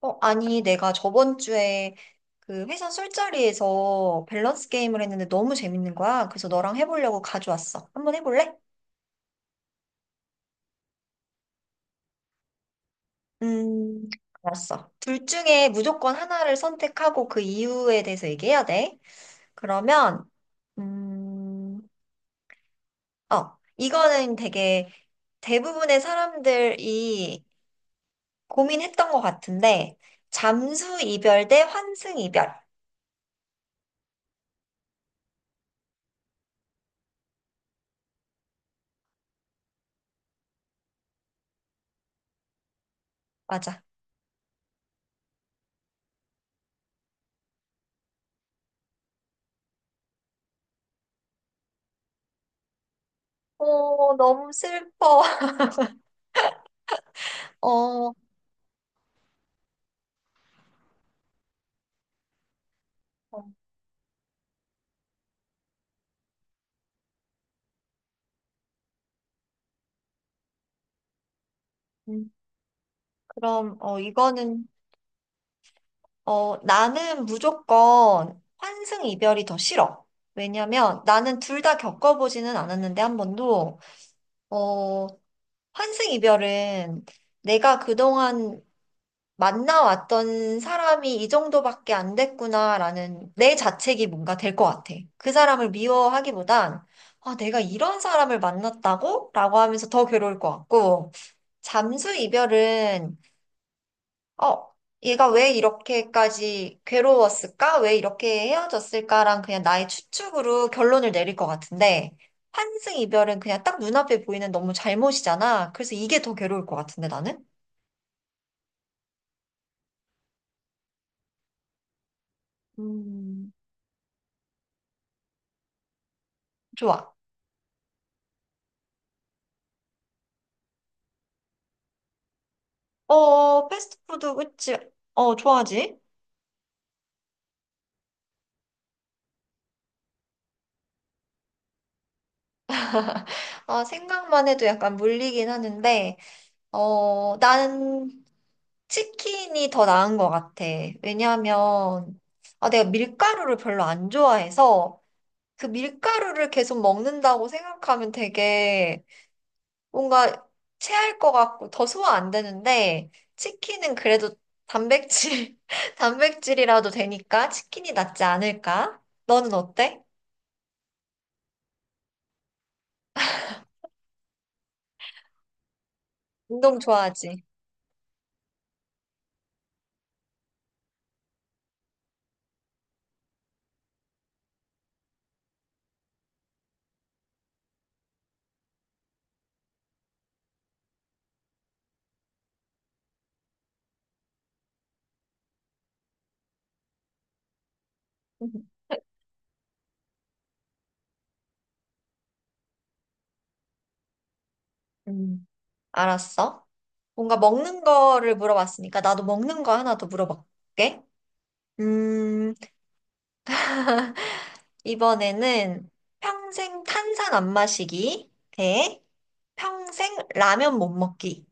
어, 아니, 내가 저번 주에 그 회사 술자리에서 밸런스 게임을 했는데 너무 재밌는 거야. 그래서 너랑 해보려고 가져왔어. 한번 해볼래? 음, 알았어. 둘 중에 무조건 하나를 선택하고 그 이유에 대해서 얘기해야 돼. 그러면, 음, 이거는 되게 대부분의 사람들이 고민했던 것 같은데, 잠수 이별 대 환승 이별. 맞아. 어, 너무 슬퍼. 어. 어, 음. 그럼, 이거는, 나는 무조건 환승 이별이 더 싫어. 왜냐면 나는 둘 다 겪어보지는 않았는데 한 번도, 어, 환승 이별은 내가 그동안 만나왔던 사람이 이 정도밖에 안 됐구나라는 내 자책이 뭔가 될 것 같아. 그 사람을 미워하기보단, 아, 내가 이런 사람을 만났다고? 라고 하면서 더 괴로울 것 같고, 잠수 이별은 어, 얘가 왜 이렇게까지 괴로웠을까? 왜 이렇게 헤어졌을까랑 그냥 나의 추측으로 결론을 내릴 것 같은데, 환승 이별은 그냥 딱 눈앞에 보이는 너무 잘못이잖아. 그래서 이게 더 괴로울 것 같은데, 나는? 음, 좋아. 어, 패스트푸드, 그치? 어, 좋아하지? 아, 생각만 해도 약간 물리긴 하는데, 난 치킨이 더 나은 것 같아. 왜냐하면, 아, 내가 밀가루를 별로 안 좋아해서, 그 밀가루를 계속 먹는다고 생각하면 되게 뭔가 체할 것 같고 더 소화 안 되는데 치킨은 그래도 단백질, 단백질이라도 되니까 치킨이 낫지 않을까? 너는 어때? 운동 좋아하지? 음, 알았어. 뭔가 먹는 거를 물어봤으니까 나도 먹는 거 하나 더 물어볼게. 음, 이번에는 평생 탄산 안 마시기 대 평생 라면 못 먹기.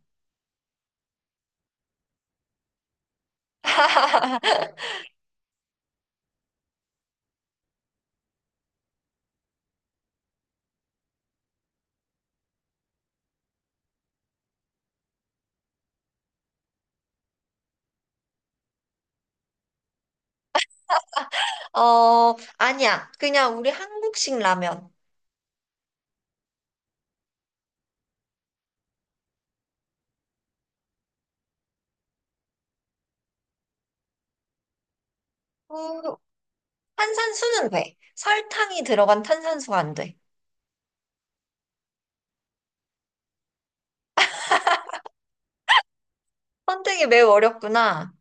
어, 아니야. 그냥 우리 한국식 라면. 음, 탄산수는 돼. 설탕이 들어간 탄산수가 안 돼. 선택이 매우 어렵구나.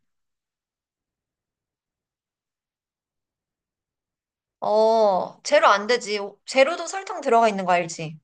어, 제로 안 되지. 제로도 설탕 들어가 있는 거 알지?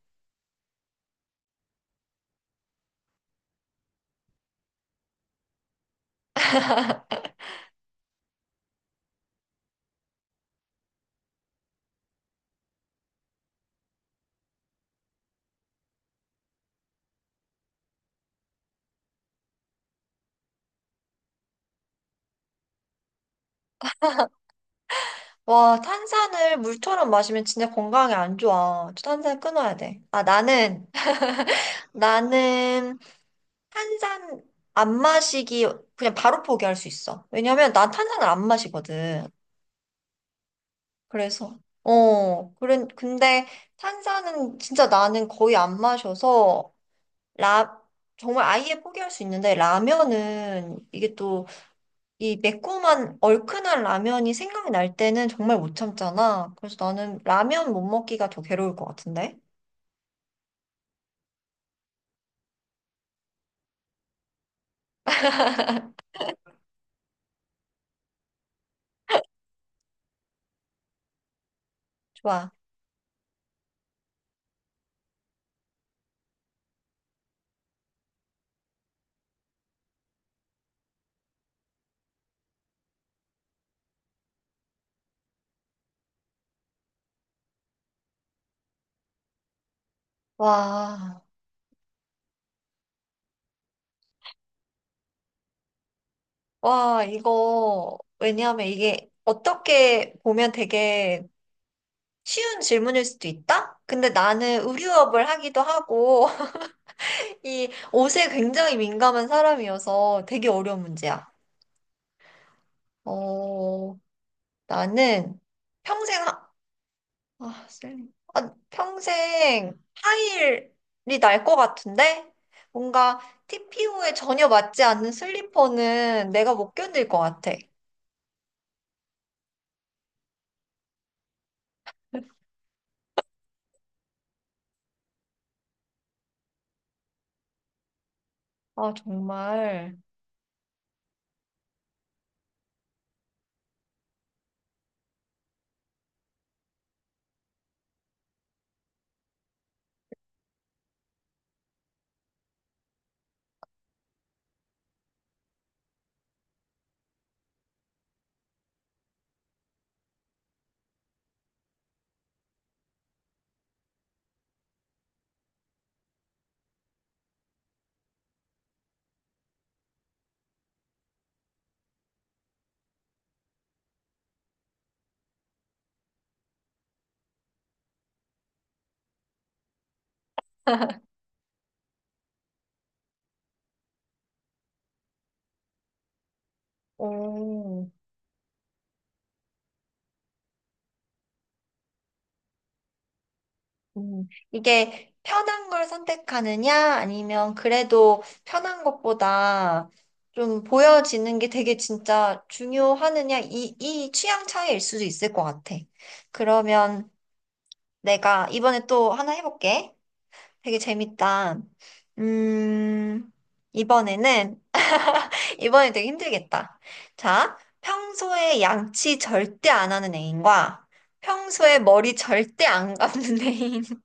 와, 탄산을 물처럼 마시면 진짜 건강에 안 좋아. 탄산 끊어야 돼. 아, 나는, 나는 탄산 안 마시기 그냥 바로 포기할 수 있어. 왜냐면 난 탄산을 안 마시거든. 그래서, 어, 그래, 근데 탄산은 진짜 나는 거의 안 마셔서, 라, 정말 아예 포기할 수 있는데, 라면은 이게 또 이 매콤한 얼큰한 라면이 생각이 날 때는 정말 못 참잖아. 그래서 나는 라면 못 먹기가 더 괴로울 것 같은데? 좋아. 와, 와, 이거, 왜냐하면 이게 어떻게 보면 되게 쉬운 질문일 수도 있다? 근데 나는 의류업을 하기도 하고, 이 옷에 굉장히 민감한 사람이어서 되게 어려운 문제야. 어, 나는 평생, 쌤. 아, 평생 하일이 날 것 같은데? 뭔가 TPO에 전혀 맞지 않는 슬리퍼는 내가 못 견딜 것 같아. 아, 정말. 오. 이게 편한 걸 선택하느냐, 아니면 그래도 편한 것보다 좀 보여지는 게 되게 진짜 중요하느냐, 이 취향 차이일 수도 있을 것 같아. 그러면 내가 이번에 또 하나 해볼게. 되게 재밌다. 음, 이번에는, 이번에 되게 힘들겠다. 자, 평소에 양치 절대 안 하는 애인과 평소에 머리 절대 안 감는 애인.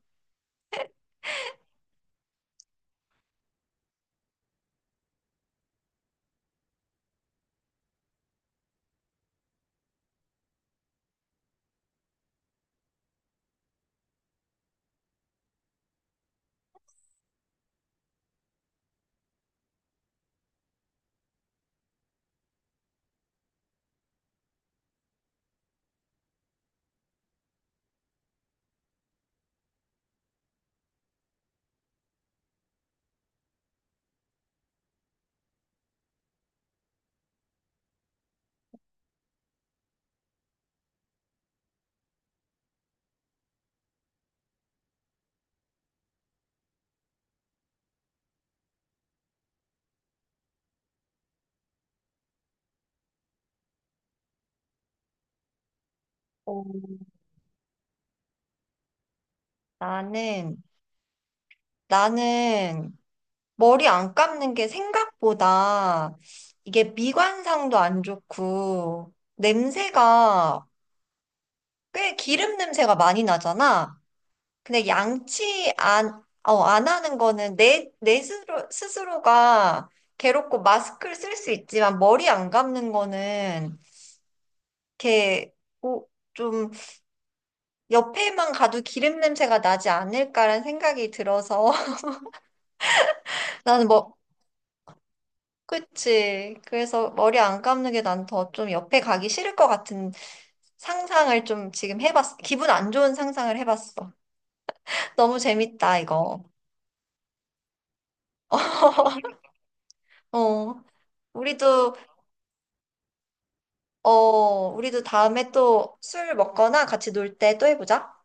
어, 나는 나는 머리 안 감는 게 생각보다 이게 미관상도 안 좋고 냄새가 꽤 기름 냄새가 많이 나잖아. 근데 양치 안, 어, 안 하는 거는 내 스스로, 스스로가 괴롭고 마스크를 쓸 수 있지만 머리 안 감는 거는 이렇게 오- 좀 옆에만 가도 기름 냄새가 나지 않을까라는 생각이 들어서 나는 뭐 그치. 그래서 머리 안 감는 게 난 더 좀 옆에 가기 싫을 것 같은 상상을 좀 지금 해봤어. 기분 안 좋은 상상을 해봤어. 너무 재밌다, 이거. 어, 우리도, 어, 우리도 다음에 또 술 먹거나 같이 놀 때 또 해보자.